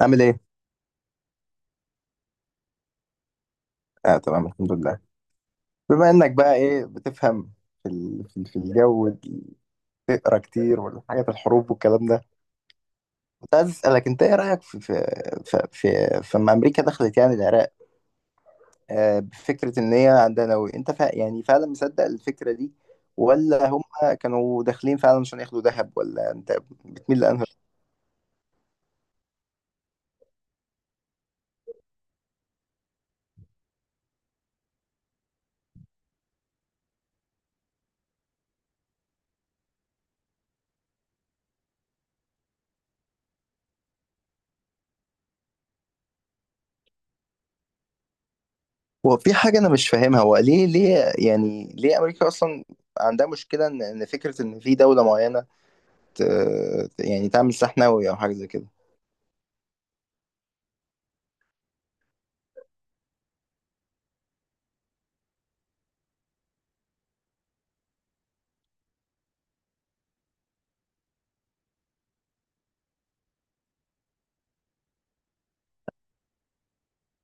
عامل ايه؟ اه، تمام الحمد لله. بما انك بقى ايه بتفهم في الجو، تقرا كتير والحاجات الحروب والكلام ده. كنت عايز اسالك انت ايه رايك في في في لما امريكا دخلت يعني العراق، بفكره ان هي عندها نووي. انت يعني فعلا مصدق الفكره دي، ولا هم كانوا داخلين فعلا عشان ياخدوا ذهب، ولا انت بتميل لانهي؟ هو في حاجه انا مش فاهمها، هو ليه، يعني ليه امريكا اصلا عندها مشكله ان فكره ان في دوله معينه، يعني تعمل سحناوي او حاجه زي كده؟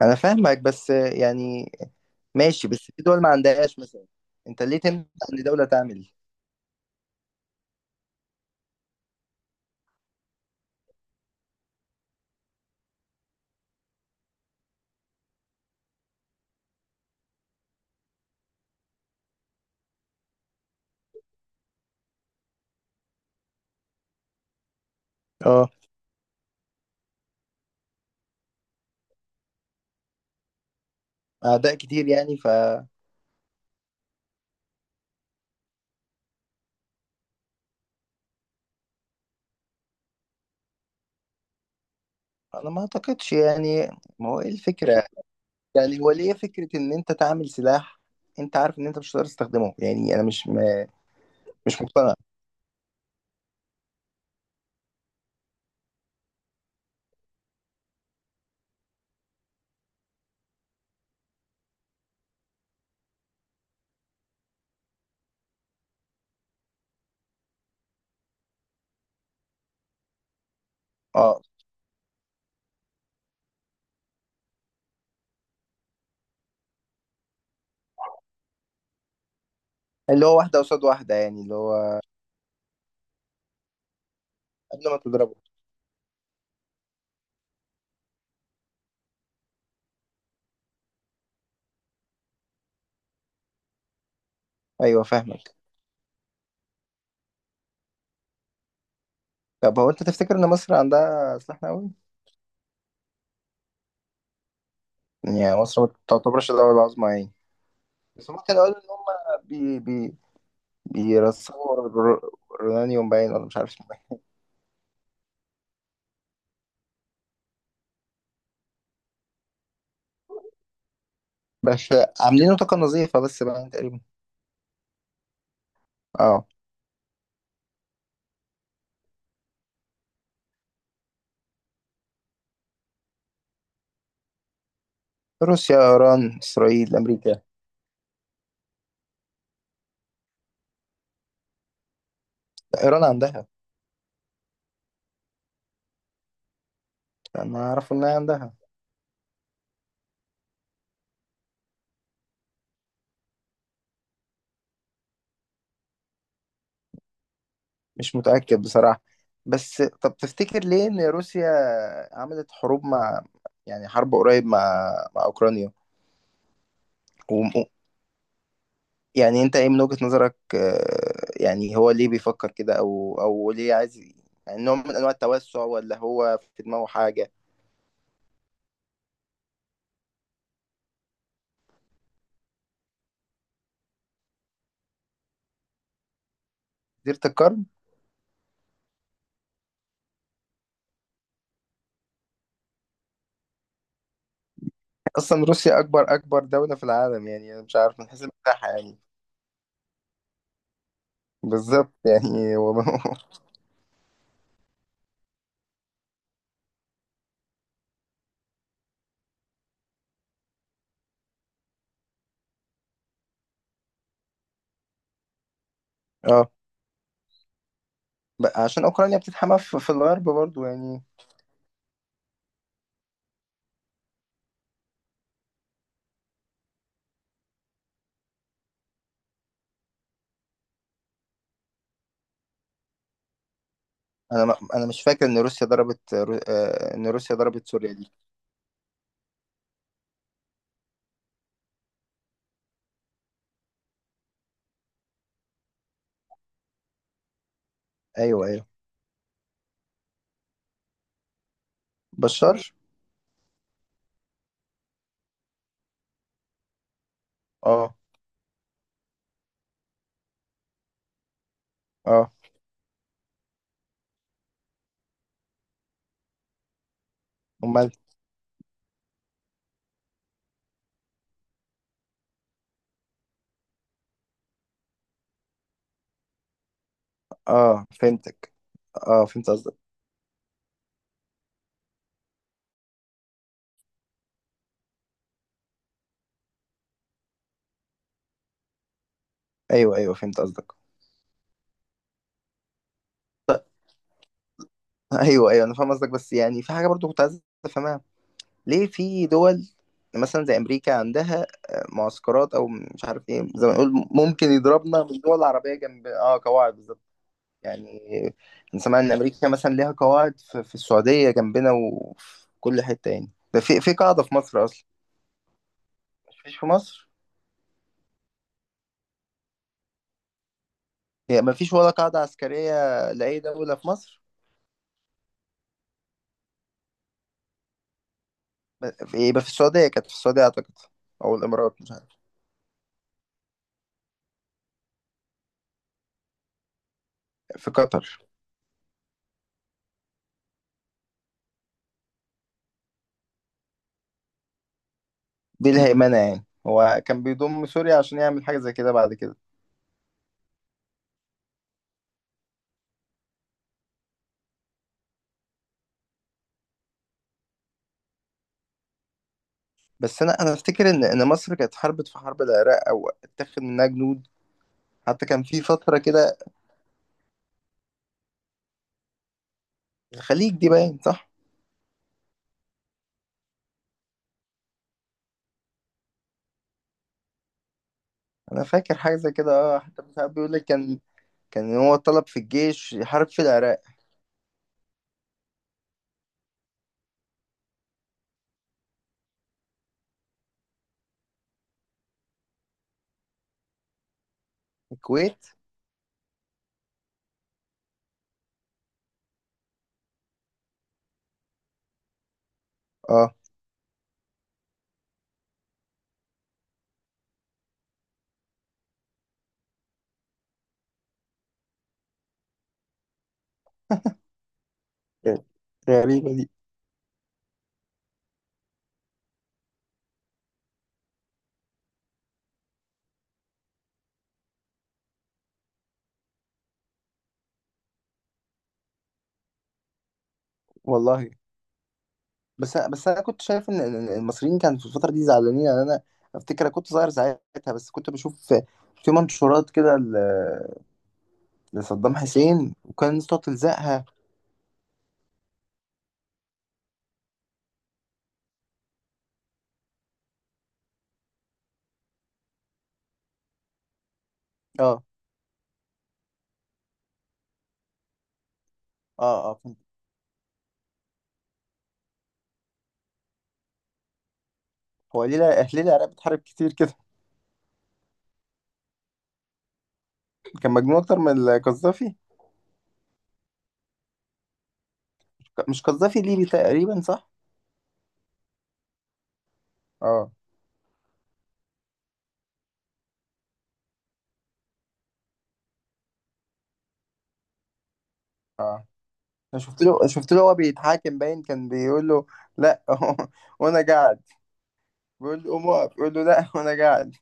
انا فاهمك، بس يعني ماشي، بس في دول ما عندهاش مثلا. انت ليه تمنع ان دوله تعمل؟ اه، اعداء كتير يعني ف... انا ما اعتقدش يعني، ما هو ايه الفكره؟ يعني هو ليه فكره ان انت تعمل سلاح؟ انت عارف ان انت مش هتقدر تستخدمه، يعني انا مش مقتنع. اه، اللي هو واحده قصاد واحده يعني، اللي هو قبل ما تضربه. ايوه، فاهمك. طب هو انت تفتكر ان مصر عندها سلاح نووي؟ يعني مصر ما تعتبرش دوله عظمى يعني؟ بس هم كانوا قالوا ان هم بي بي بيرسموا رونانيوم باين، ولا مش عارف اسمه ايه. بس عاملينه طاقة نظيفة بس باين تقريبا. اه. روسيا، ايران، اسرائيل، امريكا، لا، ايران عندها. انا اعرف انها عندها. مش متأكد بصراحة. بس طب تفتكر ليه ان روسيا عملت حروب مع، يعني حرب قريب مع اوكرانيا، و- يعني انت ايه من وجهة نظرك؟ يعني هو ليه بيفكر كده، او ليه عايز يعني نوع من انواع التوسع، ولا هو في دماغه حاجة؟ ديرة القرن. اصلا روسيا اكبر دولة في العالم. يعني انا مش عارف من حيث المساحة يعني. بالظبط، يعني هو اه. بقى عشان اوكرانيا بتتحمى في الغرب برضو يعني. انا مش فاكر ان روسيا ضربت رو... آه، ان روسيا ضربت سوريا دي. ايوه، ايوه. بشار. اه. اه امال. اه، فهمتك. اه، فهمت قصدك. ايوه، ايوه، فهمت قصدك. ايوه، ايوه، انا فاهم قصدك، بس يعني في حاجه برضو كنت عايز افهمها. ليه في دول مثلا زي امريكا عندها معسكرات او مش عارف ايه، زي ما نقول ممكن يضربنا من الدول العربيه جنب، قواعد بالظبط يعني. انا سمعت ان امريكا مثلا ليها قواعد في السعوديه جنبنا وفي كل حته يعني، ده في قاعده في مصر اصلا. مفيش في مصر. يعني مفيش ولا قاعده عسكريه لاي دوله في مصر؟ يبقى في السعوديه، كانت في السعوديه اعتقد، او الامارات، مش عارف. في قطر. دي الهيمنة، يعني هو كان بيضم سوريا عشان يعمل حاجة زي كده بعد كده. بس أنا أفتكر إن مصر كانت حاربت في حرب العراق، أو اتاخد منها جنود، حتى كان في فترة كده. الخليج دي باين صح؟ أنا فاكر حاجة زي كده، حتى مش عارف بيقول لك كان، كان هو طلب في الجيش يحارب في العراق. الكويت؟ أه. غريبة دي. والله. بس أنا كنت شايف إن المصريين كانوا في الفترة دي زعلانين. يعني أنا أفتكر أنا كنت صغير ساعتها، بس كنت بشوف في في منشورات كده لصدام حسين، وكان صوت لزقها. اه، اه، اه، فهمت. هو ليه ليه العراق بتحارب كتير كده؟ كان مجنون اكتر من القذافي. مش قذافي ليبي تقريبا صح؟ اه، اه. انا شفت له هو بيتحاكم، باين كان بيقول له، لا. وانا قاعد. بيقول له قوم اقف، بيقول له لا، وانا قاعد.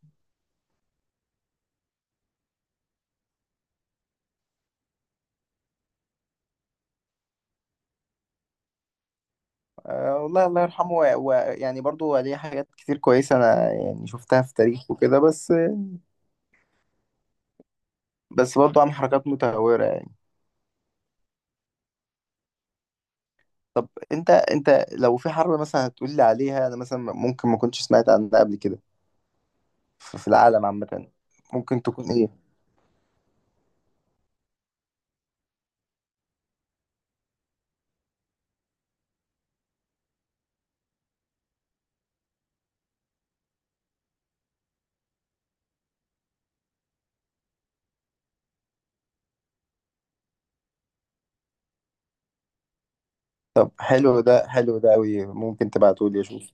والله، الله يرحمه، ويعني برضو ليه حاجات كتير كويسة، انا يعني شفتها في تاريخه وكده. بس بس برضو عمل حركات متهورة. طب انت لو في حرب مثلا هتقول لي عليها، انا مثلا ممكن ما كنتش سمعت عنها قبل كده، في العالم عامة، ممكن تكون ايه؟ طب حلو ده، حلو ده قوي، ممكن تبعته لي اشوف؟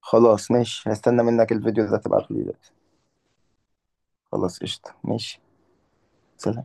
خلاص ماشي، هستنى منك الفيديو ده تبعته لي دلوقتي. خلاص، قشطة، ماشي. سلام.